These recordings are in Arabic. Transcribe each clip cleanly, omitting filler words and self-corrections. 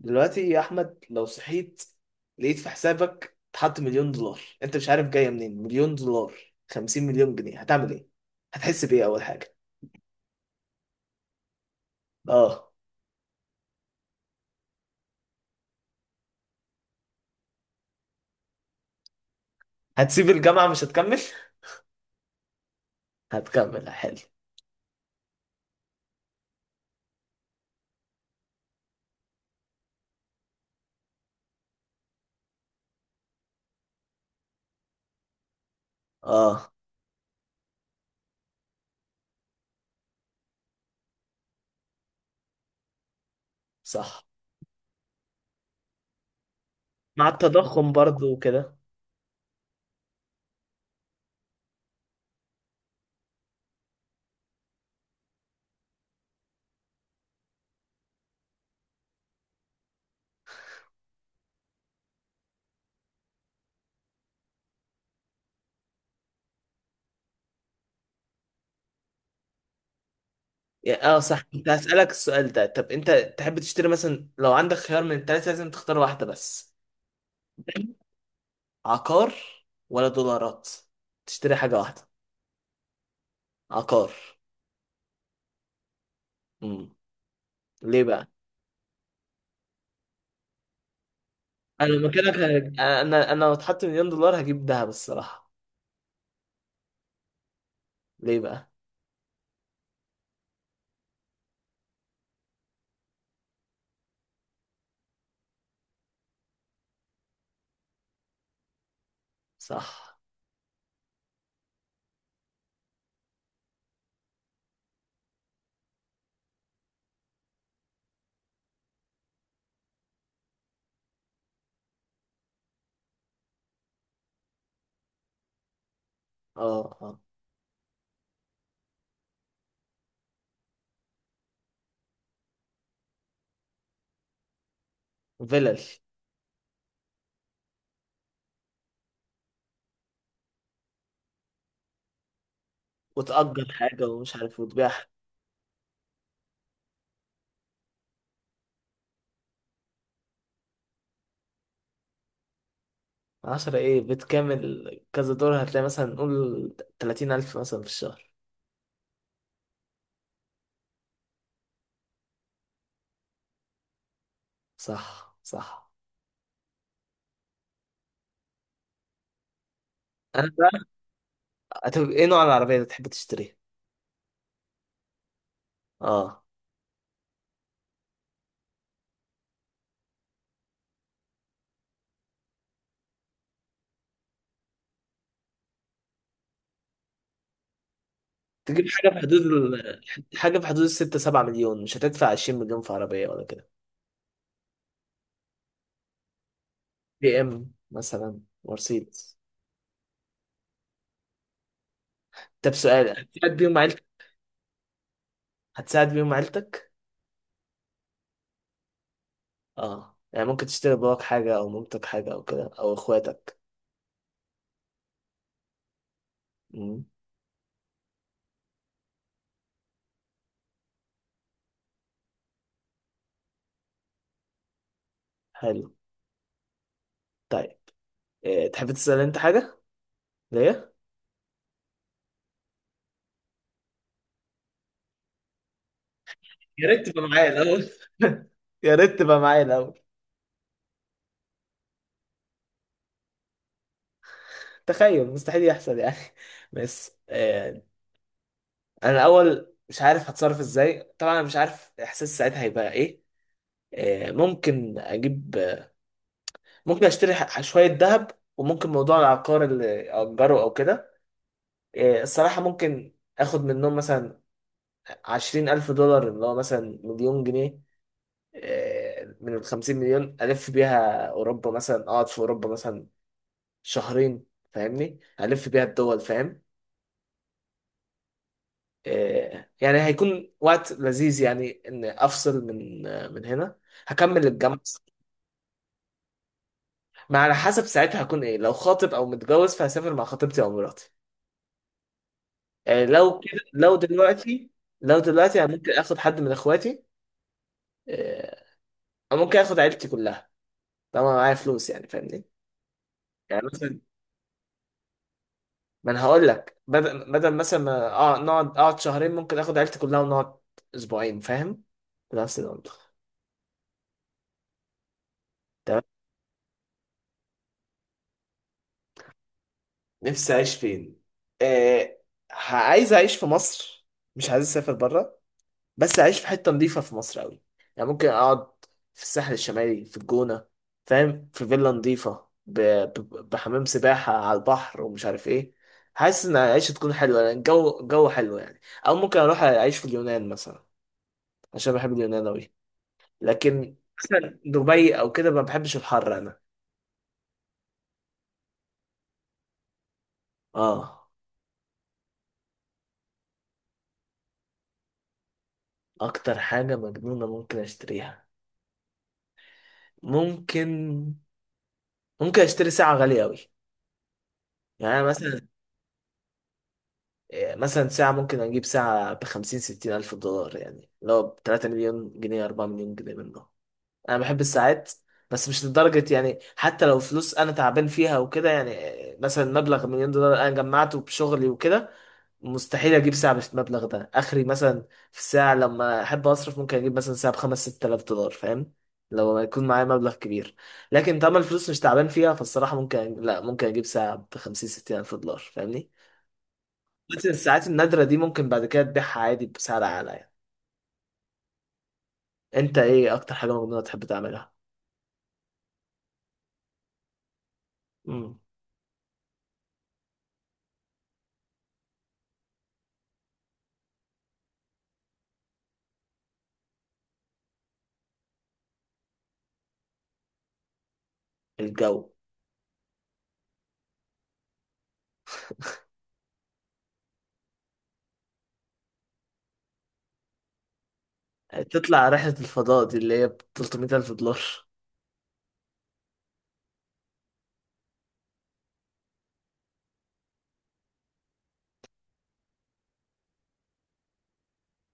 دلوقتي يا احمد، لو صحيت لقيت في حسابك اتحط مليون دولار، انت مش عارف جايه منين. مليون دولار، 50 مليون جنيه، هتعمل ايه؟ هتحس بايه اول حاجه؟ اه. هتسيب الجامعه مش هتكمل؟ هتكمل؟ حلو. اه، صح. مع التضخم برضو وكده. يعني اه صح، كنت هسألك السؤال ده. طب انت تحب تشتري مثلا لو عندك خيار من التلاتة، لازم تختار واحدة بس. عقار ولا دولارات؟ تشتري حاجة واحدة. عقار. امم ليه؟ انا لو مكانك هج- انا انا لو اتحط مليون دولار هجيب دهب، الصراحه. ليه بقى؟ صح. اه، اه. فيلل وتأجر حاجه ومش عارف وتبيعها. عشرة ايه، بيت كامل كذا دور هتلاقي مثلا، نقول تلاتين ألف مثلا في الشهر. صح، صح. أنا بقى هتبقى إيه نوع العربية اللي تحب تشتريها؟ آه. تجيب حاجة في حدود ال... حاجة في حدود الستة سبعة مليون، مش هتدفع عشرين مليون في عربية ولا كده. بي إم مثلا، مرسيدس. طب سؤال، هتساعد بيهم عيلتك؟ هتساعد بيهم عيلتك؟ اه، يعني ممكن تشتري باباك حاجة أو مامتك حاجة أو كده أو إخواتك. مم. حلو. طيب. إيه، تحب تسأل أنت حاجة؟ ليه؟ يا ريت تبقى معايا الأول. يا ريت تبقى معايا الأول. تخيل، مستحيل يحصل يعني. بس. أنا الأول مش عارف هتصرف إزاي طبعا، أنا مش عارف إحساس ساعتها هيبقى إيه. ممكن أجيب، ممكن أشتري شوية ذهب. وممكن موضوع العقار اللي أجره أو كده. الصراحة ممكن آخد منهم مثلا عشرين ألف دولار، اللي هو مثلا مليون جنيه. من الخمسين مليون، ألف بيها أوروبا مثلا، أقعد في أوروبا مثلا شهرين. فاهمني، ألف بيها الدول، فاهم. يعني هيكون وقت لذيذ يعني إن أفصل من من هنا. هكمل الجامعة. ما على حسب ساعتها هكون إيه، لو خاطب أو متجوز فهسافر مع خطيبتي أو مراتي. آه، لو كده لو دلوقتي. لو دلوقتي أنا ممكن آخد حد من إخواتي. آه، أو ممكن آخد عيلتي كلها، طالما معايا فلوس يعني، فاهمني. يعني مثلا، ما انا هقول لك بدل مثلا ما اقعد شهرين، ممكن اخد عيلتي كلها ونقعد اسبوعين، فاهم. نفس المنطق. تمام. نفسي اعيش فين؟ آه، عايز اعيش في مصر. مش عايز اسافر بره. بس اعيش في حته نظيفه في مصر قوي. يعني ممكن اقعد في الساحل الشمالي، في الجونه، فاهم، في فيلا نظيفه بحمام سباحه على البحر ومش عارف ايه. حاسس ان العيشه تكون حلوه لأن الجو جو حلو يعني. او ممكن اروح اعيش في اليونان مثلا، عشان بحب اليونان قوي. لكن مثلا دبي او كده ما بحبش الحر انا. اه، اكتر حاجه مجنونه ممكن اشتريها. ممكن ممكن اشتري ساعه غاليه قوي. يعني أنا مثلا ساعه، ممكن اجيب ساعه ب 50 60 الف دولار، يعني لو ب 3 مليون جنيه، 4 مليون جنيه منه. انا بحب الساعات. بس مش لدرجه يعني، حتى لو فلوس انا تعبان فيها وكده يعني. مثلا مبلغ مليون دولار انا جمعته بشغلي وكده، مستحيل اجيب ساعه بالمبلغ ده، اخري مثلا، في الساعه لما احب اصرف ممكن اجيب مثلا ساعه بخمس ست آلاف دولار، فاهم. لو ما يكون معايا مبلغ كبير. لكن طالما الفلوس مش تعبان فيها فالصراحه، ممكن لا، ممكن اجيب ساعه بخمسين ستين الف دولار، فاهمني. بس الساعات النادره دي ممكن بعد كده تبيعها عادي بسعر اعلى يعني. انت ايه اكتر حاجه مجنونه تحب تعملها؟ امم. الجو. تطلع رحله الفضاء دي اللي هي ب 300 الف دولار؟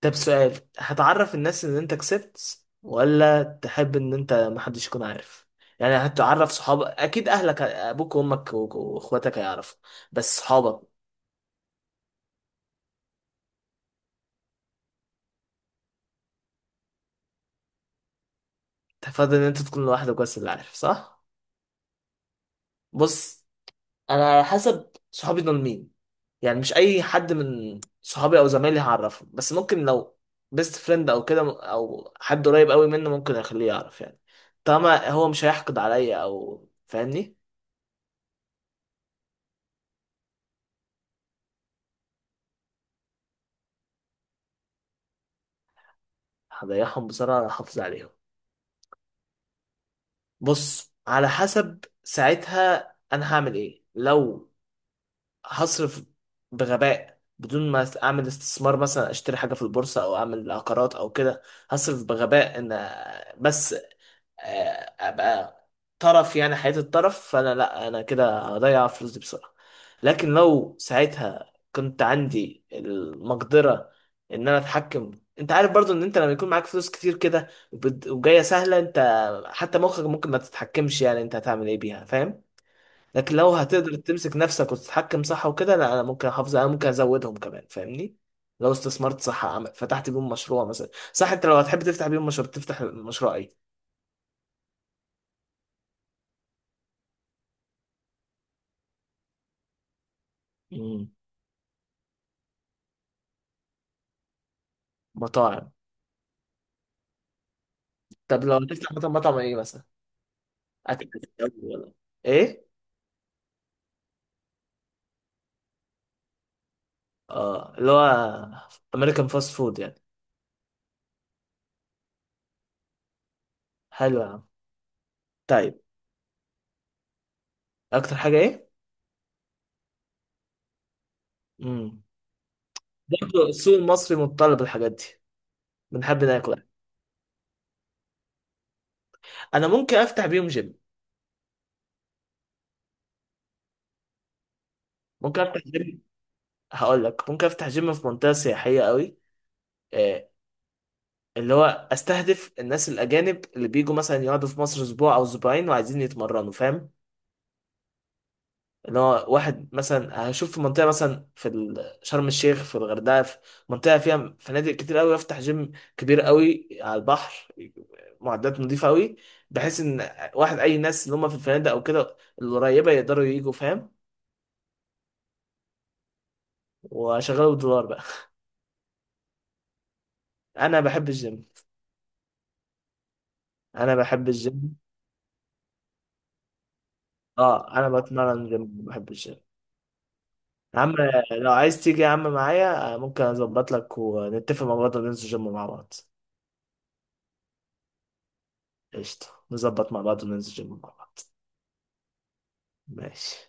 طب سؤال، هتعرف الناس ان انت كسبت ولا تحب ان انت محدش يكون عارف؟ يعني هتعرف صحابك اكيد، اهلك ابوك وامك واخواتك هيعرفوا، بس صحابك. تفضل ان انت تكون لوحدك بس اللي عارف، صح؟ بص، انا على حسب صحابي دول مين. يعني مش اي حد من صحابي او زمايلي هعرفه، بس ممكن لو بيست فريند او كده، او حد قريب قوي منه، ممكن اخليه يعرف يعني، طالما هو مش هيحقد عليا او فاهمني. هضيعهم بسرعة، احافظ عليهم. بص على حسب ساعتها انا هعمل ايه. لو هصرف بغباء بدون ما اعمل استثمار، مثلا اشتري حاجه في البورصه او اعمل عقارات او كده، هصرف بغباء ان، بس ابقى طرف، يعني حياة الطرف، فانا لا، انا كده هضيع فلوس دي بسرعة. لكن لو ساعتها كنت عندي المقدرة ان انا اتحكم، انت عارف برضو ان انت لما يكون معاك فلوس كتير كده وجاية سهلة، انت حتى مخك ممكن ما تتحكمش، يعني انت هتعمل ايه بيها، فاهم. لكن لو هتقدر تمسك نفسك وتتحكم صح وكده، لا، انا ممكن احافظ، انا ممكن ازودهم كمان، فاهمني. لو استثمرت صح، فتحت بيهم مشروع مثلا، صح انت لو هتحب تفتح بيهم مشروع، تفتح مشروع ايه؟ مطاعم. طب لو هتفتح مطعم، مطعم ايه مثلا؟ اكل ولا ايه؟ اه، اللي هو امريكان فاست فود يعني. حلو يا عم. طيب. اكتر حاجه ايه؟ امم. برضه السوق المصري متطلب الحاجات دي، بنحب ناكل. انا ممكن افتح بيهم جيم. ممكن افتح جيم. هقول لك ممكن افتح جيم في منطقه سياحيه قوي، آه، اللي هو استهدف الناس الاجانب اللي بيجوا مثلا يقعدوا في مصر اسبوع او اسبوعين، وعايزين يتمرنوا، فاهم. ان هو واحد مثلا هشوف في منطقه مثلا، في شرم الشيخ، في الغردقه، في منطقه فيها فنادق كتير قوي، افتح جيم كبير قوي على البحر، معدات نظيفه قوي، بحيث ان واحد، اي ناس اللي هم في الفنادق او كده القريبه، يقدروا يجوا، فاهم. واشغله بالدولار بقى. انا بحب الجيم، انا بحب الجيم. اه، انا بتمرن جيم، بحب الجيم. يا عم، لو عايز تيجي يا عم معايا، ممكن اظبط لك ونتفق مع بعض وننزل جيم مع بعض. قشطه، نظبط مع بعض وننزل جيم مع بعض. ماشي.